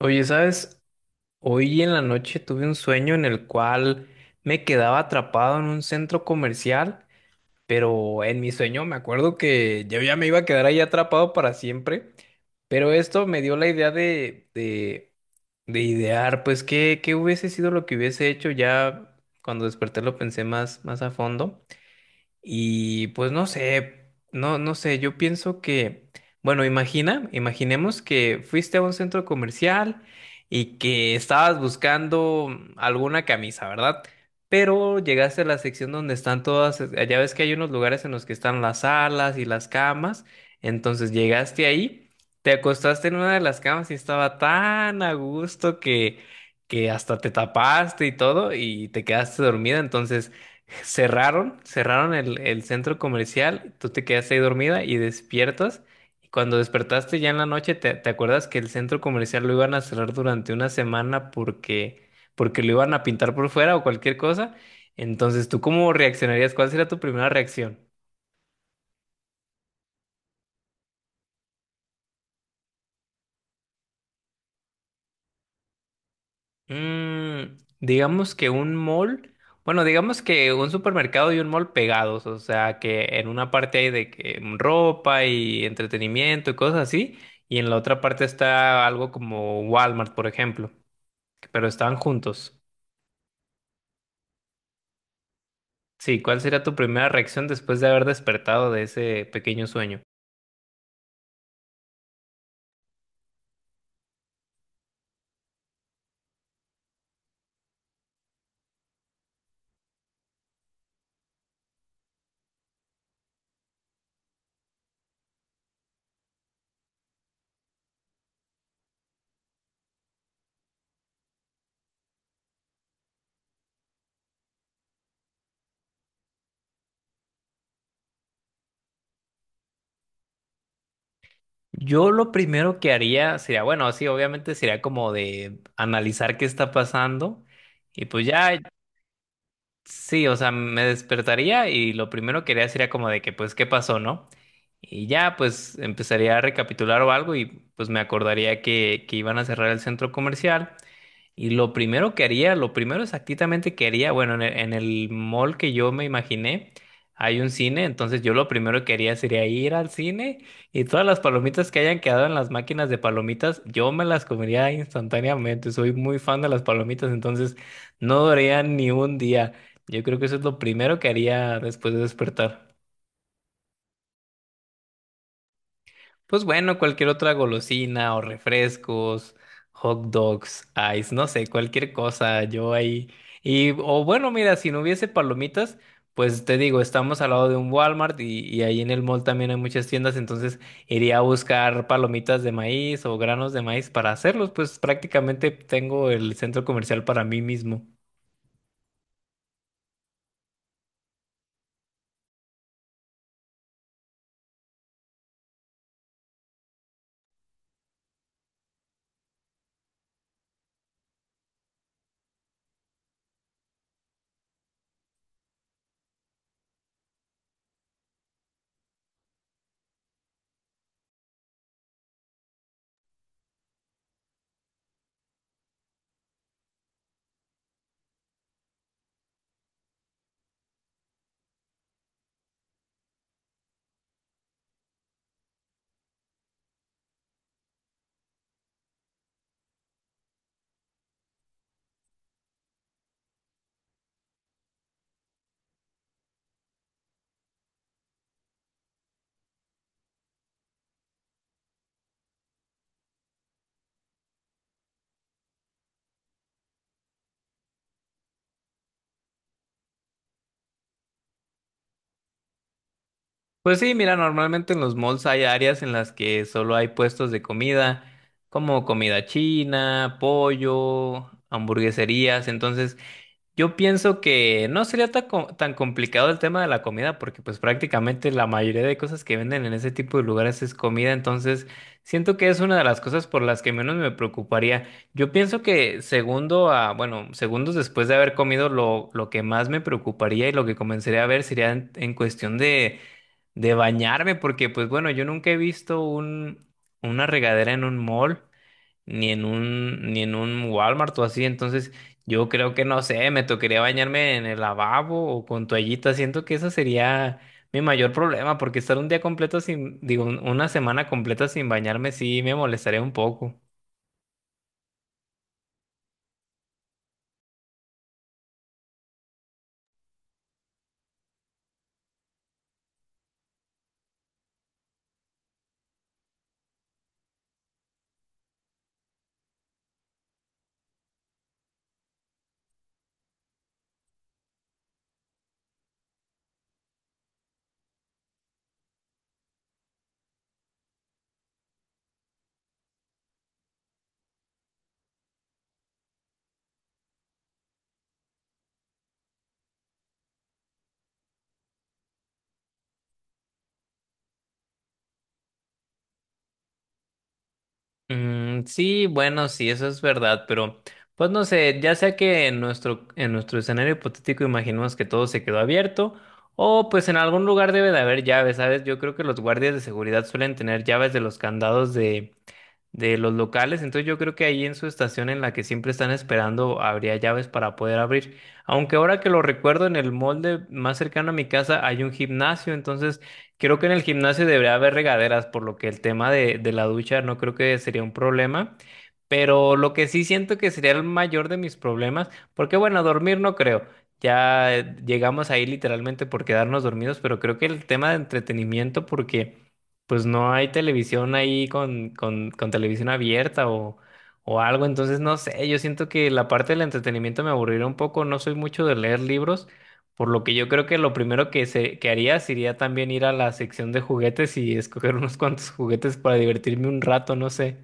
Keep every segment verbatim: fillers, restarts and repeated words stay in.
Oye, ¿sabes? Hoy en la noche tuve un sueño en el cual me quedaba atrapado en un centro comercial, pero en mi sueño me acuerdo que yo ya me iba a quedar ahí atrapado para siempre, pero esto me dio la idea de, de, de idear, pues, qué, qué hubiese sido lo que hubiese hecho. Ya cuando desperté lo pensé más, más a fondo. Y pues no sé, no, no sé, yo pienso que, bueno, imagina, imaginemos que fuiste a un centro comercial y que estabas buscando alguna camisa, ¿verdad? Pero llegaste a la sección donde están todas, eh, ya ves que hay unos lugares en los que están las salas y las camas, entonces llegaste ahí, te acostaste en una de las camas y estaba tan a gusto que, que hasta te tapaste y todo y te quedaste dormida, entonces Cerraron, cerraron el, el centro comercial, tú te quedaste ahí dormida y despiertas. Y cuando despertaste ya en la noche, te, te acuerdas que el centro comercial lo iban a cerrar durante una semana porque, porque lo iban a pintar por fuera o cualquier cosa. Entonces, ¿tú cómo reaccionarías? ¿Cuál sería tu primera reacción? Mm, digamos que un mall, bueno, digamos que un supermercado y un mall pegados, o sea, que en una parte hay de que mm, ropa y entretenimiento y cosas así, y en la otra parte está algo como Walmart, por ejemplo, pero están juntos. Sí, ¿cuál sería tu primera reacción después de haber despertado de ese pequeño sueño? Yo lo primero que haría sería, bueno, sí, obviamente sería como de analizar qué está pasando. Y pues ya, sí, o sea, me despertaría y lo primero que haría sería como de que, pues, ¿qué pasó, no? Y ya, pues, empezaría a recapitular o algo, y pues me acordaría que, que iban a cerrar el centro comercial, y lo primero que haría, lo primero exactamente que haría, bueno, en el, en el mall que yo me imaginé, hay un cine. Entonces yo lo primero que haría sería ir al cine, y todas las palomitas que hayan quedado en las máquinas de palomitas, yo me las comería instantáneamente. Soy muy fan de las palomitas, entonces no duraría ni un día. Yo creo que eso es lo primero que haría después de despertar. Pues bueno, cualquier otra golosina o refrescos, hot dogs, ice, no sé, cualquier cosa, yo ahí. Y, o bueno, mira, si no hubiese palomitas, pues te digo, estamos al lado de un Walmart y, y ahí en el mall también hay muchas tiendas, entonces iría a buscar palomitas de maíz o granos de maíz para hacerlos. Pues prácticamente tengo el centro comercial para mí mismo. Pues sí, mira, normalmente en los malls hay áreas en las que solo hay puestos de comida, como comida china, pollo, hamburgueserías. Entonces, yo pienso que no sería tan, co- tan complicado el tema de la comida, porque pues prácticamente la mayoría de cosas que venden en ese tipo de lugares es comida. Entonces, siento que es una de las cosas por las que menos me preocuparía. Yo pienso que segundo a, bueno, segundos después de haber comido, lo, lo que más me preocuparía y lo que comenzaría a ver sería en en cuestión de de bañarme, porque pues bueno, yo nunca he visto un, una regadera en un mall, ni en un, ni en un Walmart o así. Entonces yo creo que no sé, me tocaría bañarme en el lavabo o con toallita. Siento que eso sería mi mayor problema, porque estar un día completo sin, digo, un- una semana completa sin bañarme sí me molestaría un poco. Mm, sí, bueno, sí, eso es verdad, pero pues no sé, ya sea que en nuestro, en nuestro escenario hipotético imaginemos que todo se quedó abierto, o pues en algún lugar debe de haber llaves, ¿sabes? Yo creo que los guardias de seguridad suelen tener llaves de los candados de, de los locales. Entonces yo creo que ahí en su estación en la que siempre están esperando habría llaves para poder abrir. Aunque ahora que lo recuerdo, en el molde más cercano a mi casa hay un gimnasio, entonces creo que en el gimnasio debería haber regaderas, por lo que el tema de, de la ducha no creo que sería un problema. Pero lo que sí siento que sería el mayor de mis problemas, porque bueno, dormir no creo. Ya eh, llegamos ahí literalmente por quedarnos dormidos, pero creo que el tema de entretenimiento, porque pues no hay televisión ahí con, con, con televisión abierta o, o algo. Entonces no sé, yo siento que la parte del entretenimiento me aburrirá un poco, no soy mucho de leer libros, por lo que yo creo que lo primero que, se, que haría sería también ir a la sección de juguetes y escoger unos cuantos juguetes para divertirme un rato, no sé.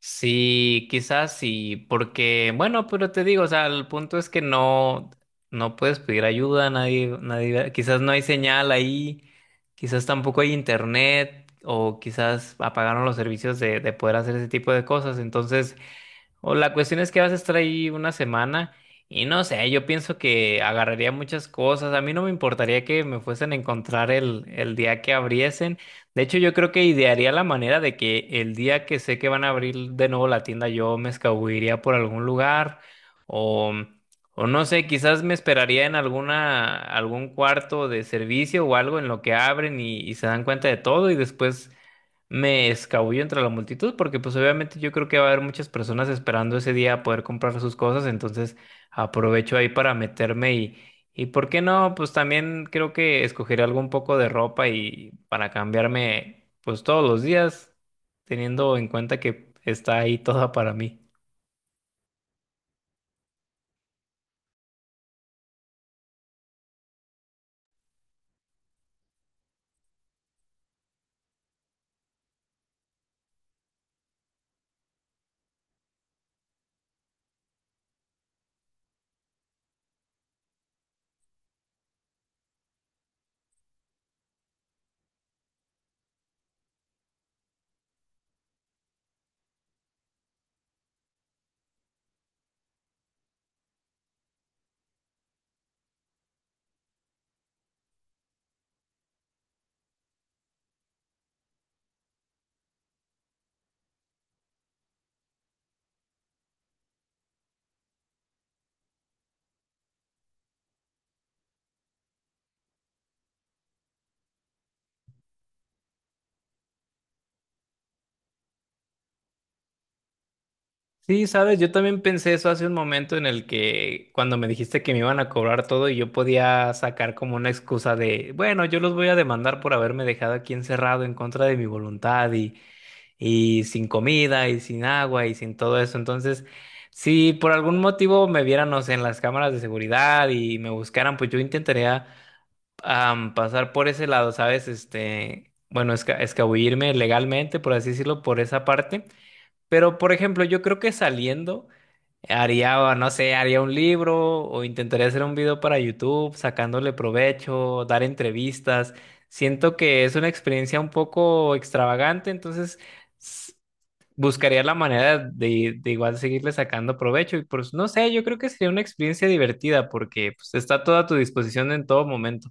Sí, quizás sí, porque, bueno, pero te digo, o sea, el punto es que no, no puedes pedir ayuda, nadie, nadie, quizás no hay señal ahí, quizás tampoco hay internet, o quizás apagaron los servicios de, de poder hacer ese tipo de cosas. Entonces, o la cuestión es que vas a estar ahí una semana, y no sé, yo pienso que agarraría muchas cosas. A mí no me importaría que me fuesen a encontrar el, el día que abriesen. De hecho, yo creo que idearía la manera de que el día que sé que van a abrir de nuevo la tienda, yo me escabulliría por algún lugar o, o no sé, quizás me esperaría en alguna, algún cuarto de servicio o algo en lo que abren y, y se dan cuenta de todo, y después me escabullo entre la multitud, porque pues obviamente yo creo que va a haber muchas personas esperando ese día a poder comprar sus cosas, entonces aprovecho ahí para meterme. Y, y ¿por qué no? Pues también creo que escogeré algo un poco de ropa y para cambiarme pues todos los días, teniendo en cuenta que está ahí toda para mí. Sí, sabes, yo también pensé eso hace un momento en el que cuando me dijiste que me iban a cobrar todo, y yo podía sacar como una excusa de, bueno, yo los voy a demandar por haberme dejado aquí encerrado en contra de mi voluntad y, y sin comida y sin agua y sin todo eso. Entonces, si por algún motivo me vieran, no sé, en las cámaras de seguridad y me buscaran, pues yo intentaría am, pasar por ese lado, ¿sabes? Este, bueno, esca- escabullirme legalmente, por así decirlo, por esa parte. Pero, por ejemplo, yo creo que saliendo... Haría, no sé, haría un libro o intentaría hacer un video para YouTube, sacándole provecho, dar entrevistas. Siento que es una experiencia un poco extravagante, entonces s- buscaría la manera de, de igual seguirle sacando provecho. Y pues no sé, yo creo que sería una experiencia divertida, porque pues, está toda a tu disposición en todo momento.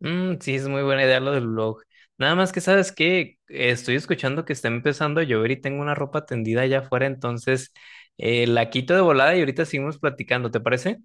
Mm, sí, es muy buena idea lo del blog. Nada más que sabes que estoy escuchando que está empezando a llover y tengo una ropa tendida allá afuera, entonces eh, la quito de volada y ahorita seguimos platicando, ¿te parece?